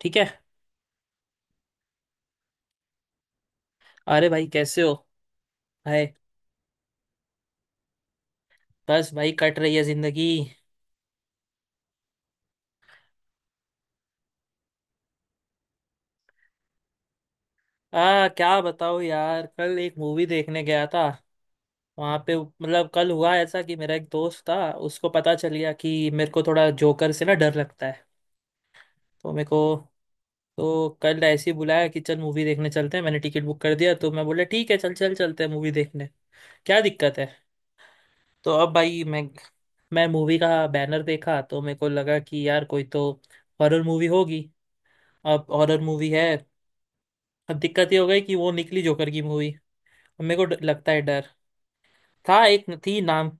ठीक है। अरे भाई कैसे हो? हाय। बस भाई कट रही है जिंदगी। आ क्या बताओ यार, कल एक मूवी देखने गया था। वहां पे मतलब कल हुआ ऐसा कि मेरा एक दोस्त था। उसको पता चल गया कि मेरे को थोड़ा जोकर से ना डर लगता है। तो मेरे को तो कल ऐसे ही बुलाया कि चल मूवी देखने चलते हैं, मैंने टिकट बुक कर दिया, तो मैं बोला ठीक है, चल चल चलते हैं मूवी देखने, क्या दिक्कत है। तो अब भाई मैं मूवी का बैनर देखा तो मेरे को लगा कि यार कोई तो हॉरर मूवी होगी। अब हॉरर मूवी है। अब दिक्कत ये हो गई कि वो निकली जोकर की मूवी। अब मेरे को लगता है डर। था एक थी नाम।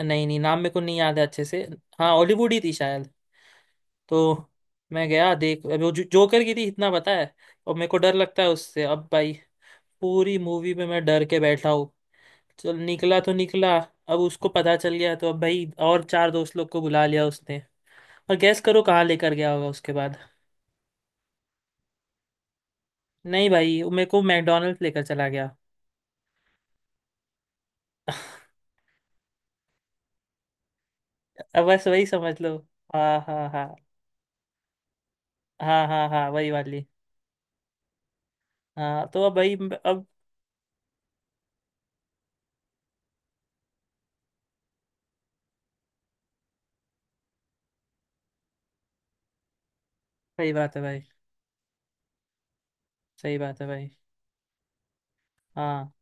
नहीं नहीं, नाम मेरे को नहीं याद है अच्छे से। हाँ, हॉलीवुड ही थी शायद। तो मैं गया देख, अब वो जो, जोकर की थी इतना पता है, और मेरे को डर लगता है उससे। अब भाई पूरी मूवी में मैं डर के बैठा हूँ। चल निकला तो निकला। अब उसको पता चल गया तो अब भाई और चार दोस्त लोग को बुला लिया उसने। और गैस करो कहाँ लेकर गया होगा उसके बाद? नहीं भाई, वो मेरे को मैकडोनल्ड्स लेकर चला गया। अब बस वही समझ लो। हाँ हाँ हाँ, हाँ हाँ हाँ, वही वाली। हाँ तो अब भाई, अब सही बात है भाई। सही बात है भाई। हाँ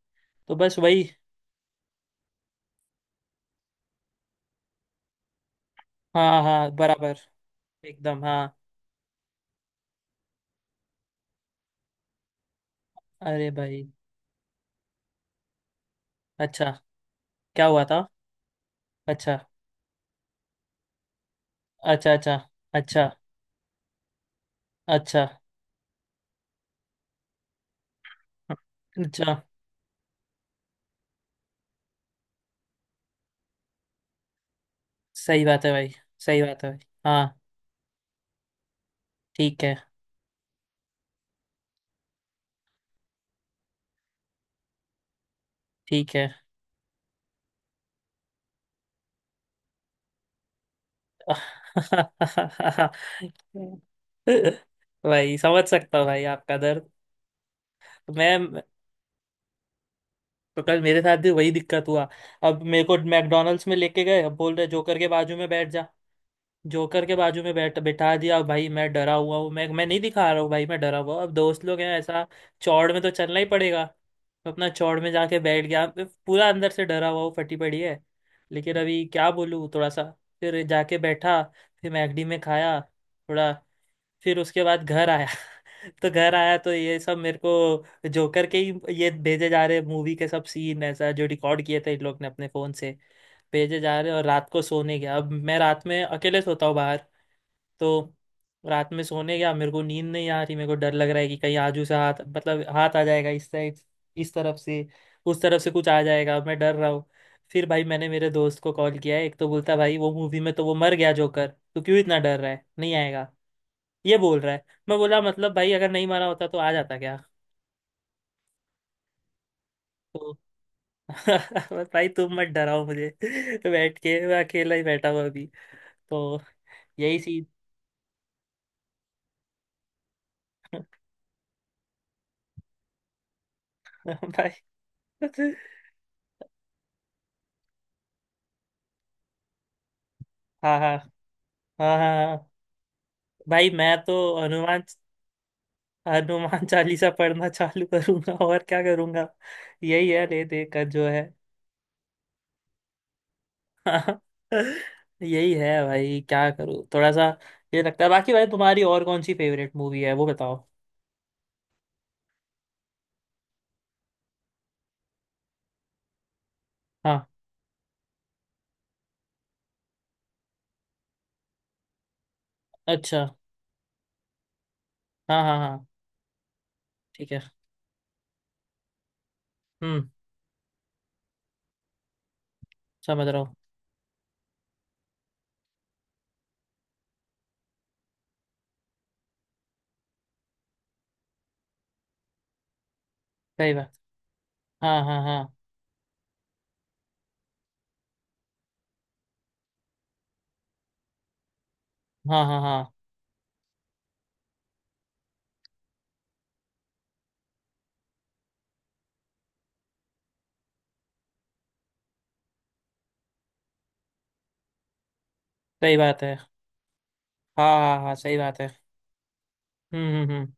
तो बस वही। हाँ हाँ बराबर। एकदम हाँ। अरे भाई। अच्छा, क्या हुआ था? अच्छा। अच्छा। अच्छा। अच्छा। अच्छा। अच्छा। सही बात है भाई। सही बात है भाई। हाँ, ठीक है। ठीक है। भाई समझ सकता हूँ भाई आपका दर्द। मैं, तो कल मेरे साथ भी वही दिक्कत हुआ। अब मेरे को मैकडोनल्ड्स में लेके गए, अब बोल रहे जोकर के बाजू में बैठ जा। जोकर के बाजू में बैठ बिठा दिया, अब भाई मैं डरा हुआ हूँ, मैं नहीं दिखा रहा हूँ भाई मैं डरा हुआ हूँ। अब दोस्त लोग हैं ऐसा, चौड़ में तो चलना ही पड़ेगा। तो अपना चौड़ में जाके बैठ गया, अब पूरा अंदर से डरा हुआ हूँ, फटी पड़ी है, लेकिन अभी क्या बोलूँ थोड़ा सा। फिर जाके बैठा, फिर मैगडी में खाया थोड़ा, फिर उसके बाद घर आया। तो घर आया तो ये सब मेरे को जोकर के ही ये भेजे जा रहे, मूवी के सब सीन, ऐसा जो रिकॉर्ड किए थे इन लोग ने अपने फोन से, भेजे जा रहे हैं। और रात को सोने गया, अब मैं रात में अकेले सोता हूँ बाहर। तो रात में सोने गया, मेरे को नींद नहीं आ रही, मेरे को डर लग रहा है कि कहीं आजू से हाथ, मतलब हाथ आ जाएगा इस साइड, इस तरफ से, उस तरफ से कुछ आ जाएगा, मैं डर रहा हूँ। फिर भाई मैंने मेरे दोस्त को कॉल किया है एक, तो बोलता भाई वो मूवी में तो वो मर गया जोकर, तू क्यों इतना डर रहा है, नहीं आएगा। ये बोल रहा है, मैं बोला मतलब भाई अगर नहीं मारा होता तो आ जाता क्या? तो भाई तुम मत डराओ मुझे। बैठ के मैं अकेला ही बैठा हुआ अभी। तो यही सीन। भाई, हाँ हाँ हाँ, हाँ हाँ। भाई मैं तो हनुमान हनुमान चालीसा पढ़ना चालू करूंगा, और क्या करूंगा। यही है ले दे का जो है। हाँ, यही है भाई क्या करूँ थोड़ा सा, ये लगता है। बाकी भाई तुम्हारी और कौन सी फेवरेट मूवी है वो बताओ? हाँ। अच्छा। हाँ हाँ हाँ। ठीक है। हम्म समझ रहा हूँ। सही बात। हाँ हाँ हाँ, हाँ हाँ हाँ, सही बात है हाँ। हाँ हाँ, सही बात है। हम्म,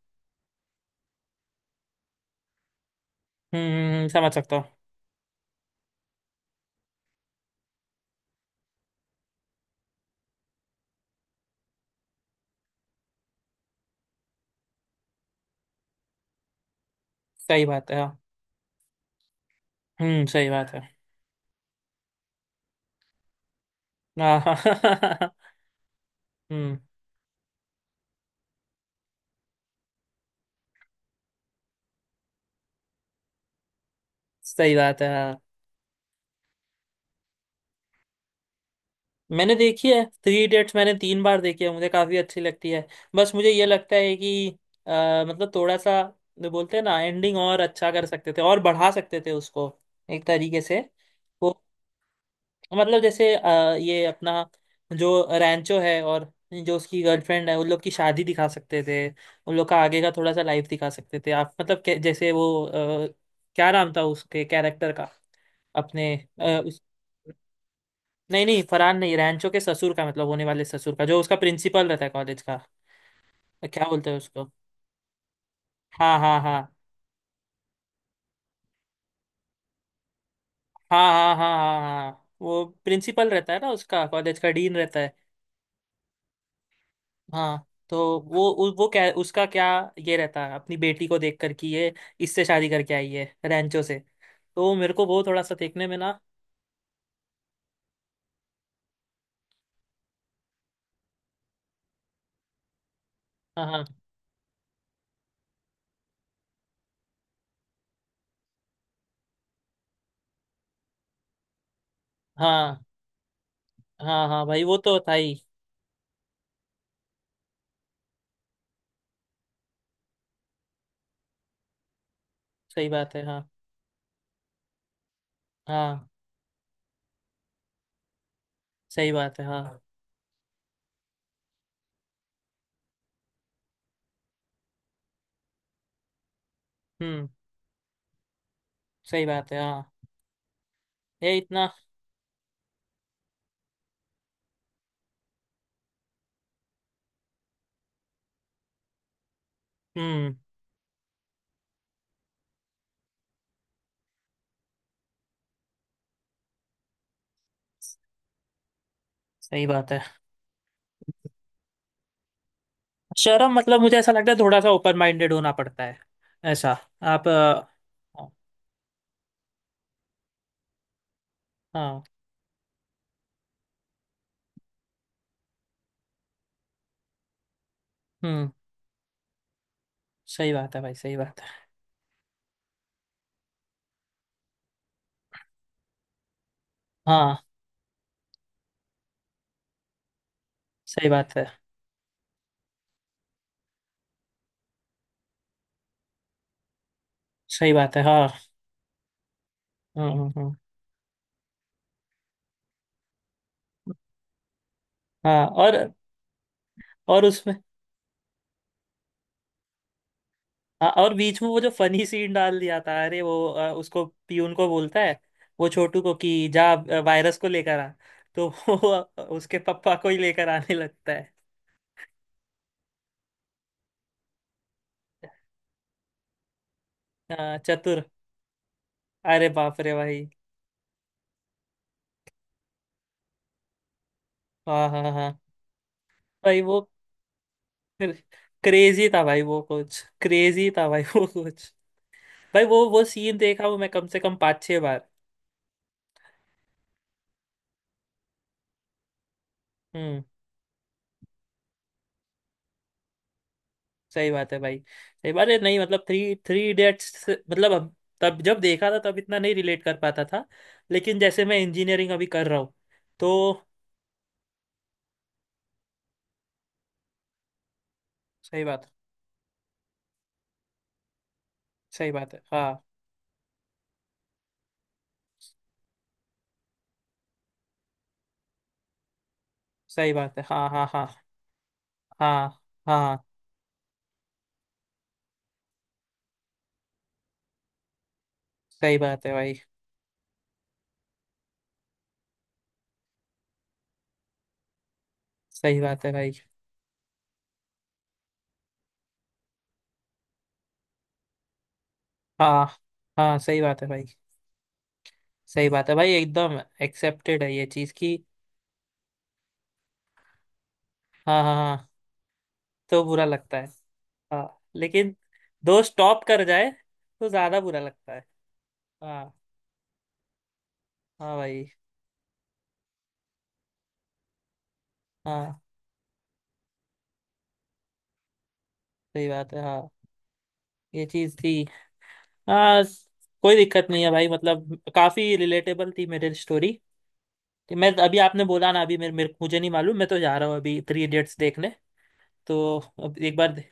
समझ सकता हूँ। सही बात है हाँ। सही बात है हाँ। हम्म सही बात है हाँ। मैंने देखी है थ्री इडियट्स, मैंने 3 बार देखी है, मुझे काफी अच्छी लगती है। बस मुझे ये लगता है कि अ, मतलब थोड़ा सा, जो बोलते हैं ना एंडिंग और अच्छा कर सकते थे और बढ़ा सकते थे उसको एक तरीके से। वो, मतलब जैसे ये अपना, जो रैंचो है और जो उसकी गर्लफ्रेंड है, उन लोग की शादी दिखा सकते थे, उन लोग का आगे का थोड़ा सा लाइफ दिखा सकते थे आप, मतलब जैसे वो, क्या नाम था उसके कैरेक्टर का, अपने, अ, उस, नहीं नहीं, फरहान नहीं, रैंचो के ससुर का, मतलब होने वाले ससुर का, जो उसका प्रिंसिपल रहता है कॉलेज का। क्या बोलते हैं उसको? हाँ हाँ हाँ, हाँ हाँ हाँ, हाँ हाँ, वो प्रिंसिपल रहता है ना, उसका कॉलेज का डीन रहता है। हाँ, तो वो वो क्या, उसका क्या, ये रहता है अपनी बेटी को देख कर कि ये इससे शादी करके आई है रैंचो से, तो मेरे को वो थोड़ा सा देखने में ना। हाँ हाँ हाँ, हाँ हाँ, भाई वो तो था ही। सही बात है हाँ। हाँ सही बात है हाँ। हम्म सही बात है हाँ। ये इतना। हम्म सही बात है। शर्म, मतलब मुझे ऐसा लगता है थोड़ा सा ओपन माइंडेड होना पड़ता है, ऐसा। आप हाँ। हम्म सही बात है भाई, सही बात है। हाँ, सही बात है। सही बात है हाँ। हम्म हम्म हम्म, हाँ और। और उसमें, हाँ, और बीच में वो जो फनी सीन डाल दिया था, अरे वो उसको, पीयून को बोलता है, वो छोटू को कि जा वायरस को लेकर आ, तो वो उसके पापा को ही लेकर आने लगता है। हाँ, चतुर। अरे बाप रे भाई। हाँ हाँ हाँ, भाई वो क्रेजी था भाई, वो कुछ क्रेजी था भाई, वो कुछ, भाई वो सीन देखा हूँ मैं कम से कम 5-6 बार। हम्म सही बात है भाई। सही बात है, नहीं मतलब थ्री थ्री इडियट्स, मतलब अब, तब जब देखा था तब इतना नहीं रिलेट कर पाता था, लेकिन जैसे मैं इंजीनियरिंग अभी कर रहा हूँ तो। सही बात। सही बात है हाँ। सही बात है हाँ हाँ हाँ। हाँ हाँ, सही बात है भाई। सही बात है भाई। हाँ हाँ, सही बात है भाई, सही बात है भाई एकदम, एक्सेप्टेड है ये चीज़ की। हाँ हाँ हाँ, तो बुरा लगता है। हाँ लेकिन दो स्टॉप कर जाए तो ज्यादा बुरा लगता है। हाँ हाँ भाई, हाँ सही बात है हाँ। ये चीज थी। हाँ, कोई दिक्कत नहीं है भाई, मतलब काफी रिलेटेबल थी मेरी स्टोरी। कि मैं अभी, आपने बोला ना अभी मेरे मुझे नहीं मालूम, मैं तो जा रहा हूँ अभी थ्री इडियट्स देखने। तो अब एक बार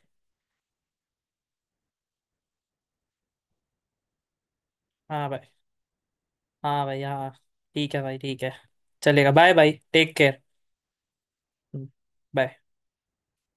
हाँ भाई, हाँ भाई हाँ, ठीक है भाई ठीक है। चलेगा, bye bye, take care, bye.